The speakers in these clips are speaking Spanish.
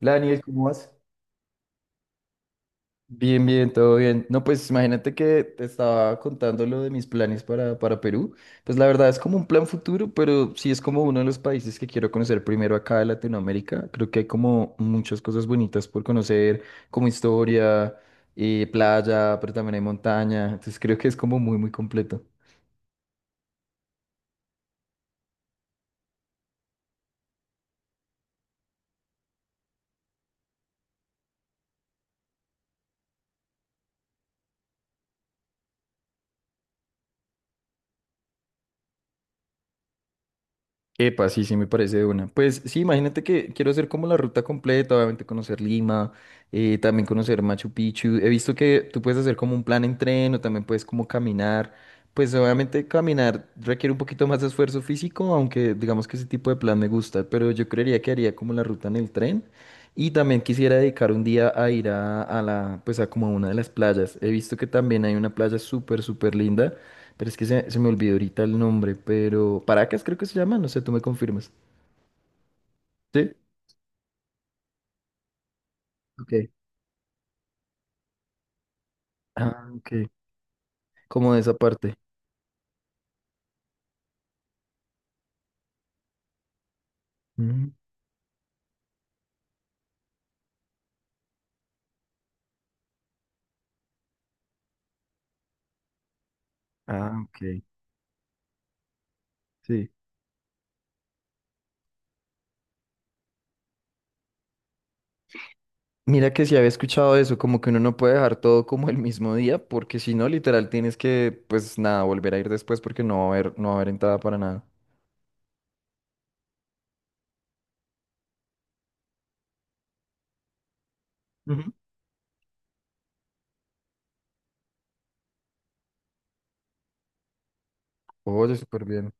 Hola Daniel, ¿cómo vas? Bien, bien, todo bien. No, pues imagínate que te estaba contando lo de mis planes para Perú. Pues la verdad es como un plan futuro, pero sí es como uno de los países que quiero conocer primero acá de Latinoamérica. Creo que hay como muchas cosas bonitas por conocer, como historia, playa, pero también hay montaña. Entonces creo que es como muy, muy completo. Epa, sí, sí, me parece de una. Pues sí, imagínate que quiero hacer como la ruta completa, obviamente conocer Lima, también conocer Machu Picchu. He visto que tú puedes hacer como un plan en tren o también puedes como caminar. Pues obviamente caminar requiere un poquito más de esfuerzo físico, aunque digamos que ese tipo de plan me gusta, pero yo creería que haría como la ruta en el tren. Y también quisiera dedicar un día a ir pues a como a una de las playas. He visto que también hay una playa súper, súper linda, pero es que se me olvidó ahorita el nombre, pero Paracas creo que se llama, no sé, tú me confirmas. ¿Sí? Ok. Ah, ok. Como de esa parte. Mm. Ah, ok. Sí. Mira que si había escuchado eso, como que uno no puede dejar todo como el mismo día, porque si no, literal, tienes que, pues nada, volver a ir después porque no va a haber, no va a haber entrada para nada. Ujú. Oye, súper bien.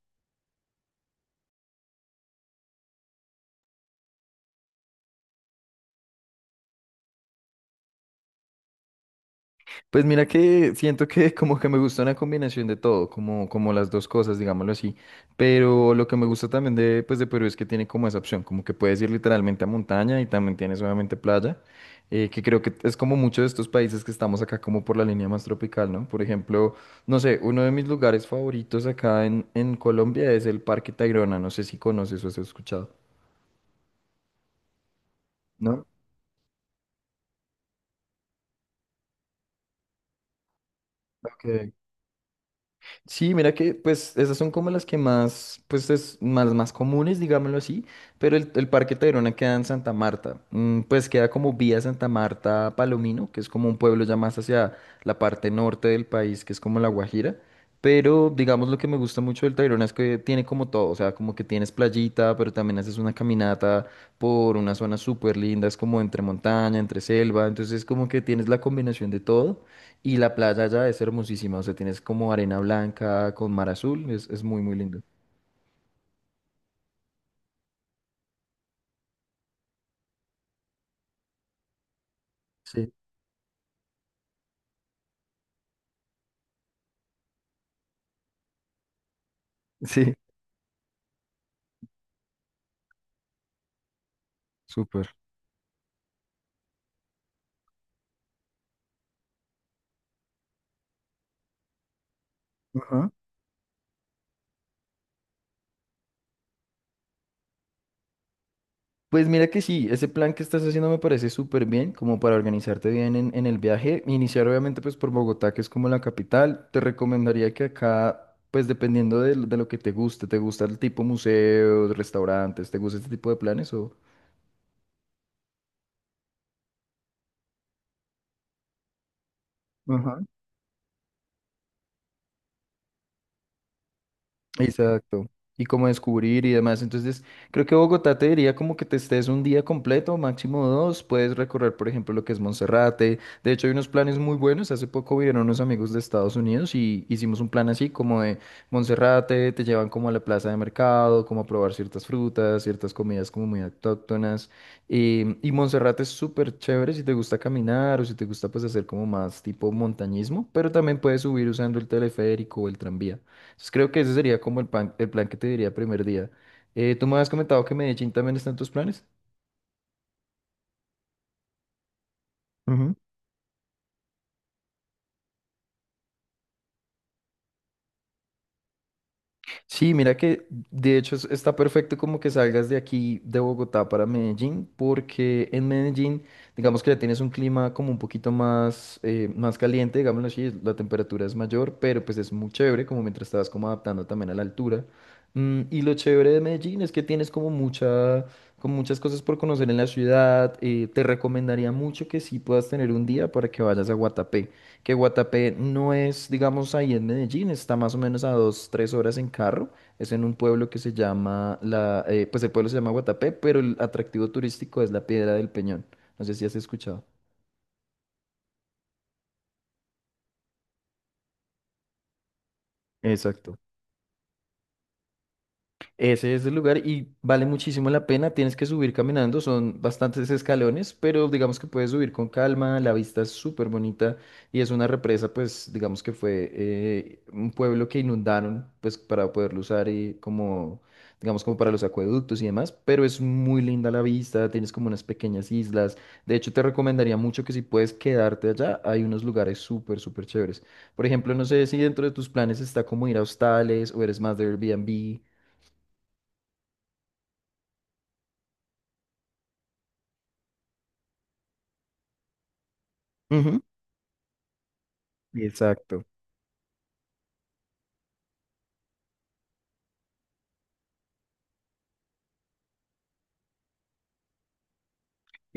Pues mira que siento que como que me gusta una combinación de todo, como, como las dos cosas, digámoslo así. Pero lo que me gusta también de, pues de Perú es que tiene como esa opción, como que puedes ir literalmente a montaña y también tienes obviamente playa, que creo que es como muchos de estos países que estamos acá como por la línea más tropical, ¿no? Por ejemplo, no sé, uno de mis lugares favoritos acá en Colombia es el Parque Tayrona, no sé si conoces o has escuchado. ¿No? Ok. Sí, mira que pues esas son como las que más, pues es más, más comunes, digámoslo así, pero el Parque Tayrona queda en Santa Marta. Mm, pues queda como vía Santa Marta a Palomino, que es como un pueblo ya más hacia la parte norte del país, que es como La Guajira, pero digamos lo que me gusta mucho del Tayrona es que tiene como todo, o sea, como que tienes playita, pero también haces una caminata por una zona súper linda, es como entre montaña, entre selva, entonces como que tienes la combinación de todo. Y la playa allá es hermosísima, o sea, tienes como arena blanca con mar azul, es muy, muy lindo. Sí. Sí, súper. Ajá. Pues mira que sí, ese plan que estás haciendo me parece súper bien, como para organizarte bien en el viaje. Iniciar obviamente pues por Bogotá, que es como la capital. Te recomendaría que acá, pues dependiendo de, lo que te guste, ¿te gusta el tipo museos, restaurantes? ¿Te gusta este tipo de planes o...? Exacto. Y cómo descubrir y demás. Entonces, creo que Bogotá te diría como que te estés un día completo, máximo dos. Puedes recorrer, por ejemplo, lo que es Monserrate. De hecho, hay unos planes muy buenos. Hace poco vinieron unos amigos de Estados Unidos y hicimos un plan así como de Monserrate, te llevan como a la plaza de mercado, como a probar ciertas frutas, ciertas comidas como muy autóctonas. Y Monserrate es súper chévere si te gusta caminar o si te gusta pues hacer como más tipo montañismo, pero también puedes subir usando el teleférico o el tranvía. Entonces creo que ese sería como el plan que te diría primer día. Tú me habías comentado que Medellín también está en tus planes. Sí, mira que de hecho está perfecto como que salgas de aquí de Bogotá para Medellín, porque en Medellín, digamos que ya tienes un clima como un poquito más, más caliente, digámoslo así, la temperatura es mayor, pero pues es muy chévere, como mientras estabas como adaptando también a la altura. Mm, y lo chévere de Medellín es que tienes como mucha, como muchas cosas por conocer en la ciudad. Te recomendaría mucho que sí puedas tener un día para que vayas a Guatapé, que Guatapé no es, digamos, ahí en Medellín, está más o menos a dos, tres horas en carro. Es en un pueblo que se llama, pues el pueblo se llama Guatapé, pero el atractivo turístico es la Piedra del Peñón. No sé si has escuchado. Exacto. Ese es el lugar y vale muchísimo la pena. Tienes que subir caminando, son bastantes escalones, pero digamos que puedes subir con calma. La vista es súper bonita y es una represa, pues digamos que fue un pueblo que inundaron, pues para poderlo usar y como, digamos, como para los acueductos y demás. Pero es muy linda la vista, tienes como unas pequeñas islas. De hecho, te recomendaría mucho que si puedes quedarte allá, hay unos lugares súper, súper chéveres. Por ejemplo, no sé si dentro de tus planes está como ir a hostales o eres más de Airbnb. Ujú. Exacto.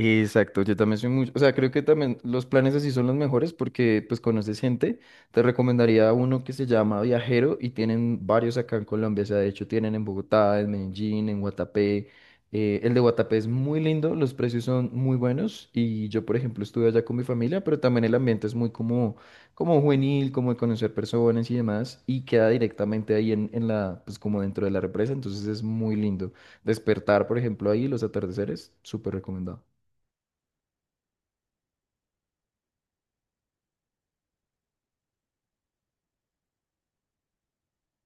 Exacto, yo también soy mucho, o sea, creo que también los planes así son los mejores porque pues conoces gente, te recomendaría uno que se llama Viajero y tienen varios acá en Colombia, o sea, de hecho tienen en Bogotá, en Medellín, en Guatapé. El de Guatapé es muy lindo, los precios son muy buenos y yo por ejemplo estuve allá con mi familia, pero también el ambiente es muy como, como juvenil, como de conocer personas y demás y queda directamente ahí pues como dentro de la represa, entonces es muy lindo. Despertar por ejemplo ahí, los atardeceres, súper recomendado.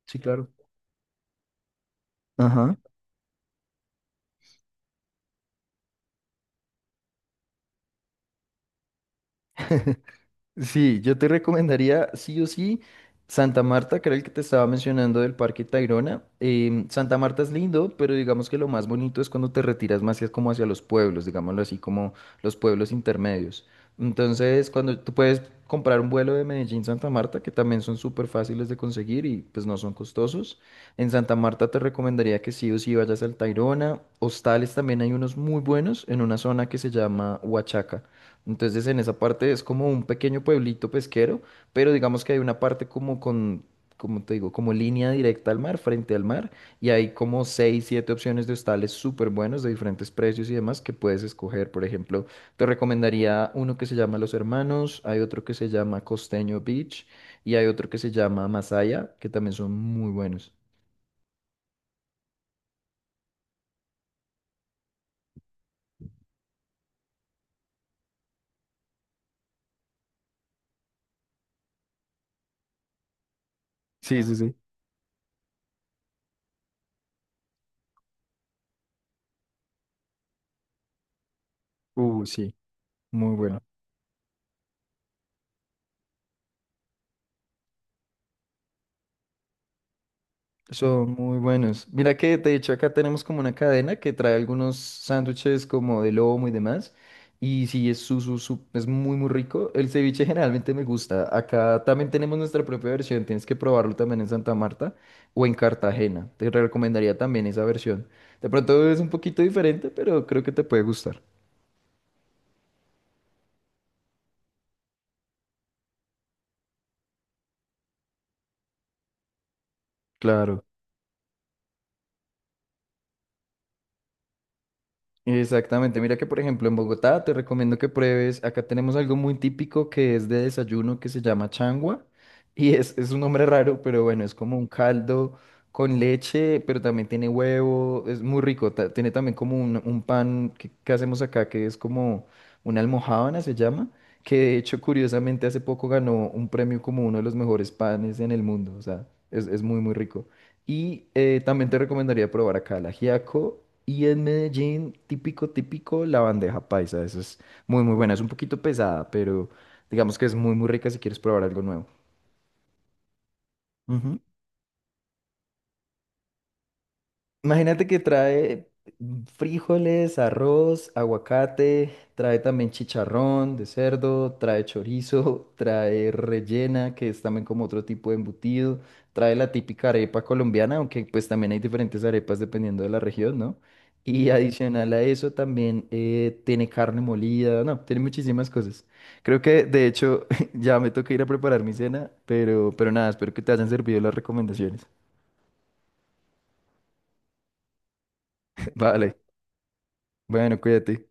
Sí, claro. Ajá. Sí, yo te recomendaría sí o sí Santa Marta, que era el que te estaba mencionando del Parque Tayrona. Santa Marta es lindo, pero digamos que lo más bonito es cuando te retiras más como hacia los pueblos, digámoslo así, como los pueblos intermedios. Entonces, cuando tú puedes comprar un vuelo de Medellín Santa Marta, que también son súper fáciles de conseguir y pues no son costosos. En Santa Marta te recomendaría que sí o sí vayas al Tayrona. Hostales también hay unos muy buenos en una zona que se llama Huachaca. Entonces en esa parte es como un pequeño pueblito pesquero, pero digamos que hay una parte como con, como te digo, como línea directa al mar, frente al mar, y hay como seis, siete opciones de hostales súper buenos de diferentes precios y demás que puedes escoger. Por ejemplo, te recomendaría uno que se llama Los Hermanos, hay otro que se llama Costeño Beach y hay otro que se llama Masaya, que también son muy buenos. Sí, sí, sí. Sí. Muy bueno. Son muy buenos. Mira que de hecho acá tenemos como una cadena que trae algunos sándwiches como de lomo y demás. Y sí, es, es muy, muy rico. El ceviche generalmente me gusta. Acá también tenemos nuestra propia versión. Tienes que probarlo también en Santa Marta o en Cartagena. Te recomendaría también esa versión. De pronto es un poquito diferente, pero creo que te puede gustar. Claro. Exactamente, mira que por ejemplo en Bogotá te recomiendo que pruebes, acá tenemos algo muy típico que es de desayuno que se llama changua y es un nombre raro, pero bueno, es como un caldo con leche, pero también tiene huevo, es muy rico, tiene también como un pan que hacemos acá que es como una almojábana se llama, que de hecho curiosamente hace poco ganó un premio como uno de los mejores panes en el mundo, o sea, es muy muy rico. Y también te recomendaría probar acá el ajiaco. Y en Medellín, típico, típico, la bandeja paisa. Esa es muy, muy buena. Es un poquito pesada, pero digamos que es muy, muy rica si quieres probar algo nuevo. Ujú. Imagínate que trae frijoles, arroz, aguacate, trae también chicharrón de cerdo, trae chorizo, trae rellena, que es también como otro tipo de embutido, trae la típica arepa colombiana, aunque pues también hay diferentes arepas dependiendo de la región, ¿no? Y adicional a eso también tiene carne molida, no, tiene muchísimas cosas. Creo que de hecho ya me toca ir a preparar mi cena, pero nada, espero que te hayan servido las recomendaciones. Vale, bueno, cuídate.